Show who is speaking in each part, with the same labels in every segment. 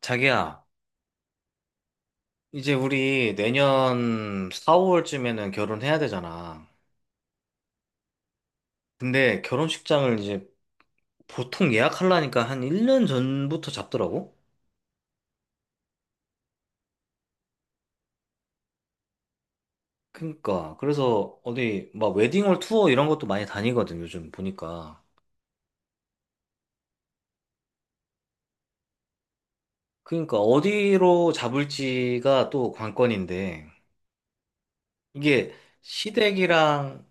Speaker 1: 자기야, 이제 우리 내년 4월쯤에는 결혼해야 되잖아. 근데 결혼식장을 이제 보통 예약하려니까 한 1년 전부터 잡더라고? 그니까. 그래서 어디 막 웨딩홀 투어 이런 것도 많이 다니거든, 요즘 보니까. 그니까 어디로 잡을지가 또 관건인데, 이게 시댁이랑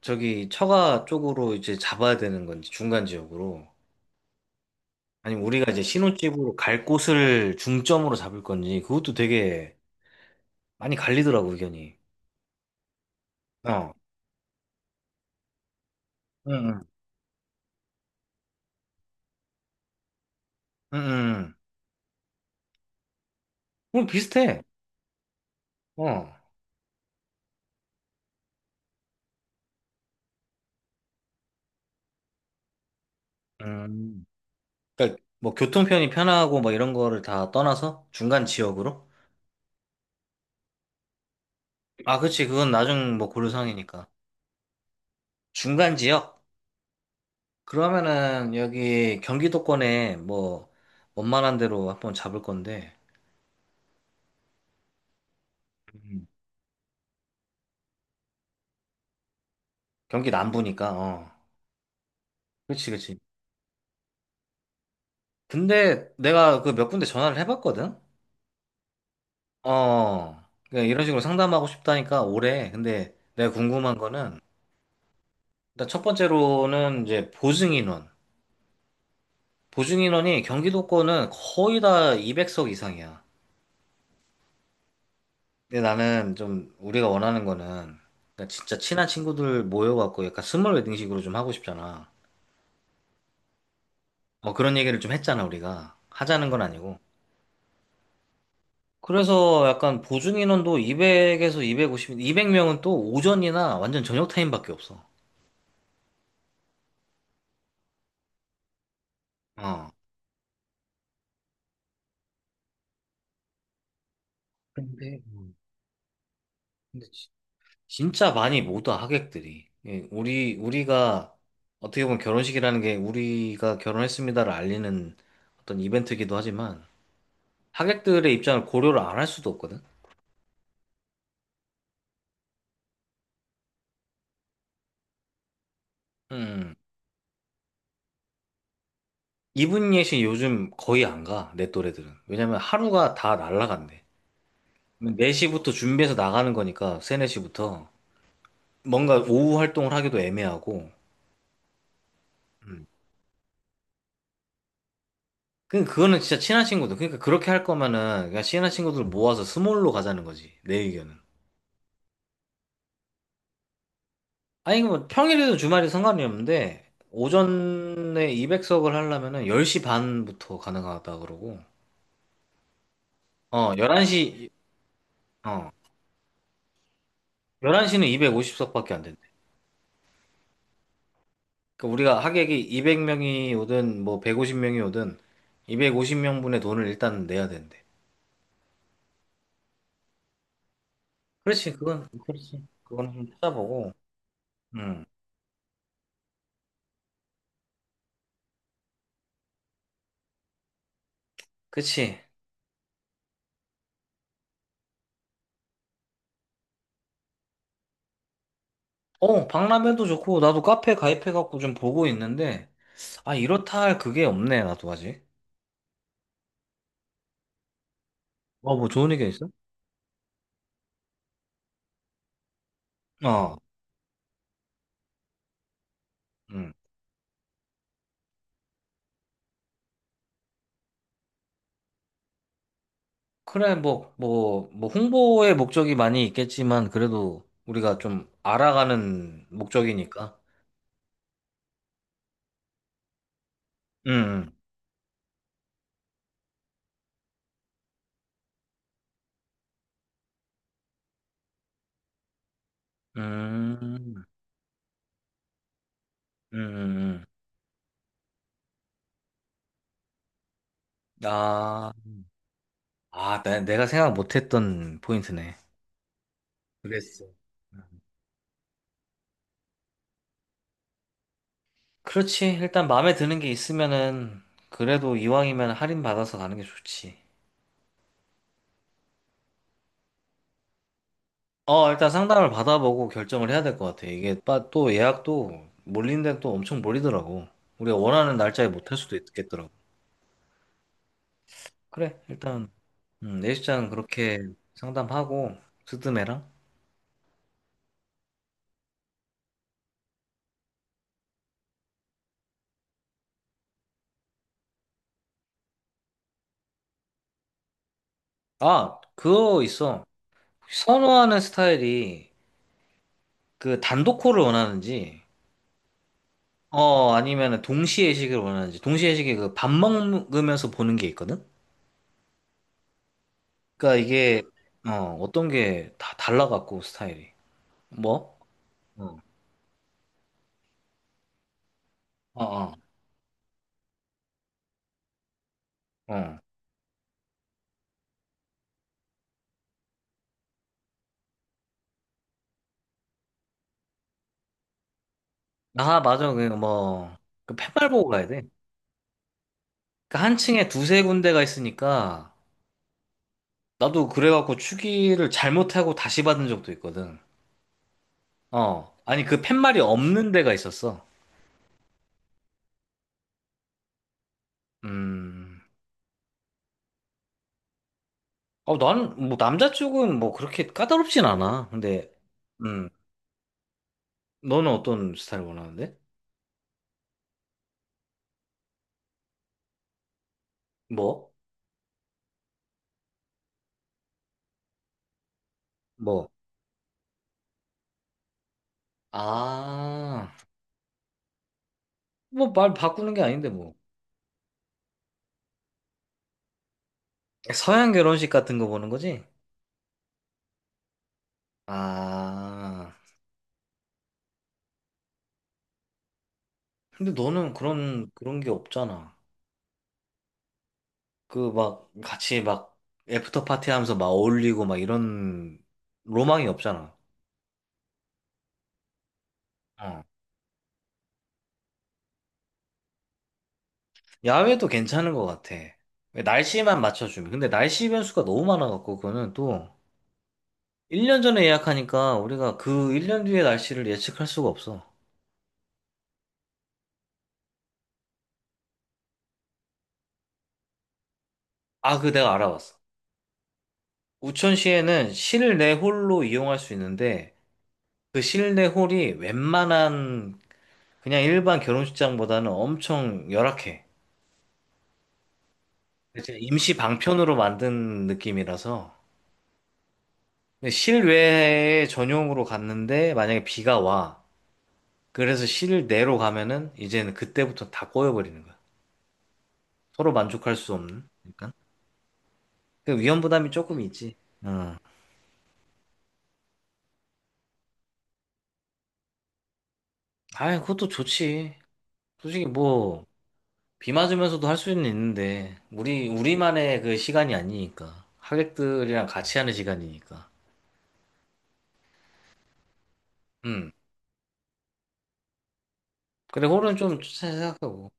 Speaker 1: 저기 처가 쪽으로 이제 잡아야 되는 건지, 중간 지역으로. 아니면 우리가 이제 신혼집으로 갈 곳을 중점으로 잡을 건지 그것도 되게 많이 갈리더라고 의견이. 어. 응, 응, 응, 응. 그럼 비슷해. 어. 음. 그러니까 뭐 교통편이 편하고 뭐 이런 거를 다 떠나서 중간 지역으로? 아, 그치. 그건 나중 뭐 고려사항이니까. 중간 지역? 그러면은 여기 경기도권에 뭐 원만한 데로 한번 잡을 건데. 음. 경기 남부니까. 어. 그치, 그치. 근데 내가 그 몇 군데 전화를 해봤거든? 어, 그러니까 이런 식으로 상담하고 싶다니까 오래. 근데 내가 궁금한 거는, 일단 첫 번째로는 이제 보증인원. 보증인원이 경기도권은 거의 다 200석 이상이야. 근데 나는 좀 우리가 원하는 거는, 그러니까 진짜 친한 친구들 모여갖고 약간 스몰 웨딩식으로 좀 하고 싶잖아. 어, 그런 얘기를 좀 했잖아, 우리가. 하자는 건 아니고. 그래서 약간 보증인원도 200에서 250, 200명은 또 오전이나 완전 저녁 타임밖에 없어. 어. 근데, 음. 근데 진짜 많이 못와 하객들이. 예, 우리가 어떻게 보면 결혼식이라는 게 우리가 결혼했습니다를 알리는 어떤 이벤트이기도 하지만 하객들의 입장을 고려를 안 할 수도 없거든. 음. 이분 예식 요즘 거의 안 가, 내 또래들은. 왜냐면 하루가 다 날라간대. 4시부터 준비해서 나가는 거니까, 3, 4시부터. 뭔가 오후 활동을 하기도 애매하고. 그거는 진짜 친한 친구들. 그러니까 그렇게 할 거면은, 그냥 친한 친구들 모아서 스몰로 가자는 거지, 내 의견은. 아니, 뭐, 평일에도 주말이 상관이 없는데, 오전에 200석을 하려면은 10시 반부터 가능하다 그러고, 어, 11시, 어, 11시는 250석밖에 안 된대. 그러니까 우리가 하객이 200명이 오든, 뭐, 150명이 오든, 250명분의 돈을 일단 내야 된대. 그렇지, 그건, 그렇지. 그건 좀 찾아보고, 음, 그치. 어, 박람회도 좋고, 나도 카페 가입해갖고 좀 보고 있는데, 아, 이렇다 할 그게 없네, 나도 아직. 어, 뭐 좋은 의견 있어? 어. 음. 그래, 뭐, 뭐, 뭐, 홍보의 목적이 많이 있겠지만, 그래도 우리가 좀 알아가는 목적이니까. 음, 음, 음, 음. 음. 음. 아, 아, 내가 생각 못했던 포인트네. 그랬어. 그렇지. 일단 마음에 드는 게 있으면은, 그래도 이왕이면 할인 받아서 가는 게 좋지. 어, 일단 상담을 받아보고 결정을 해야 될 것 같아. 이게 또 예약도 몰린 데또 엄청 몰리더라고. 우리가 원하는 날짜에 못할 수도 있겠더라고. 그래, 일단, 내시장 그렇게 상담하고, 스드메랑. 아, 그거 있어. 선호하는 스타일이 그 단독콜을 원하는지, 어, 아니면 동시 회식을 원하는지, 동시 회식이 그 밥 먹으면서 보는 게 있거든? 그러니까 이게, 어, 어떤 게 다 달라갖고, 스타일이. 뭐? 어, 어, 어. 어. 아, 맞아. 그 뭐, 그 팻말 보고 가야 돼. 그러니까 한 층에 두세 군데가 있으니까, 나도 그래갖고 추기를 잘못하고 다시 받은 적도 있거든. 어. 아니, 그 팻말이 없는 데가 있었어. 음. 어, 나는, 뭐, 남자 쪽은 뭐, 그렇게 까다롭진 않아. 근데, 음. 너는 어떤 스타일 원하는데? 뭐? 뭐? 아. 뭐, 말 바꾸는 게 아닌데, 뭐. 서양 결혼식 같은 거 보는 거지? 아. 근데 너는 그런 게 없잖아. 그 막 같이 막 애프터 파티 하면서 막 어울리고 막 이런 로망이 없잖아. 어. 야외도 괜찮은 것 같아. 날씨만 맞춰주면. 근데 날씨 변수가 너무 많아갖고 그거는 또 1년 전에 예약하니까 우리가 그 1년 뒤의 날씨를 예측할 수가 없어. 아, 그 내가 알아봤어. 우천시에는 실내 홀로 이용할 수 있는데 그 실내 홀이 웬만한 그냥 일반 결혼식장보다는 엄청 열악해. 진짜 임시 방편으로 만든 느낌이라서. 근데 실외에 전용으로 갔는데 만약에 비가 와. 그래서 실내로 가면은 이제는 그때부터 다 꼬여버리는 거야. 서로 만족할 수 없는. 약간. 그 위험 부담이 조금 있지. 응. 아, 그것도 좋지. 솔직히 뭐 비 맞으면서도 할 수는 있는데 우리만의 그 시간이 아니니까. 하객들이랑 같이 하는 시간이니까. 음. 그래 홀은 좀 생각하고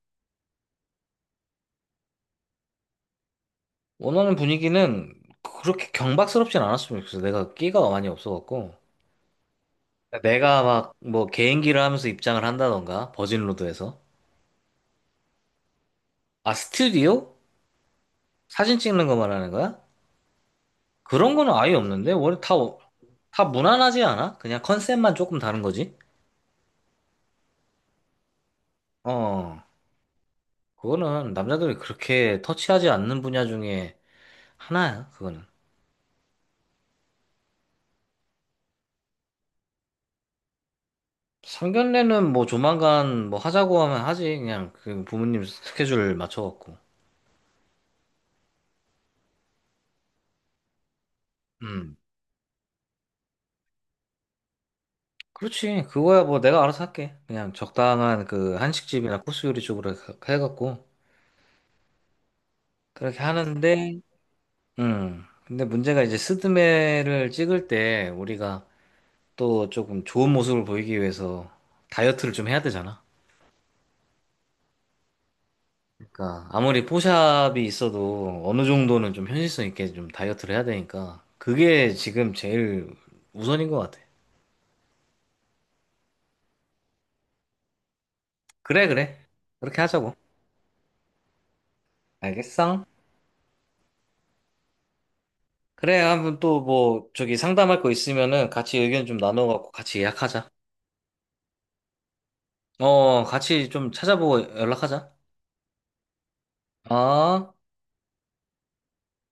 Speaker 1: 원하는 분위기는 그렇게 경박스럽진 않았으면 좋겠어. 내가 끼가 많이 없어갖고. 내가 막 뭐 개인기를 하면서 입장을 한다던가 버진로드에서 아 스튜디오? 사진 찍는 거 말하는 거야? 그런 거는 아예 없는데 원래 다 무난하지 않아? 그냥 컨셉만 조금 다른 거지? 어 그거는 남자들이 그렇게 터치하지 않는 분야 중에 하나야 그거는 상견례는 뭐 조만간 뭐 하자고 하면 하지 그냥 그 부모님 스케줄 맞춰갖고 음 그렇지 그거야 뭐 내가 알아서 할게 그냥 적당한 그 한식집이나 코스 요리 쪽으로 해갖고 그렇게 하는데, 근데 문제가 이제 스드메를 찍을 때 우리가 또 조금 좋은 모습을 보이기 위해서 다이어트를 좀 해야 되잖아. 그러니까 아무리 포샵이 있어도 어느 정도는 좀 현실성 있게 좀 다이어트를 해야 되니까 그게 지금 제일 우선인 것 같아. 그래, 그래. 그렇게 하자고. 알겠어? 그래, 한번 또 뭐 저기 상담할 거 있으면은 같이 의견 좀 나눠갖고 같이 예약하자. 어, 같이 좀 찾아보고 연락하자. 어?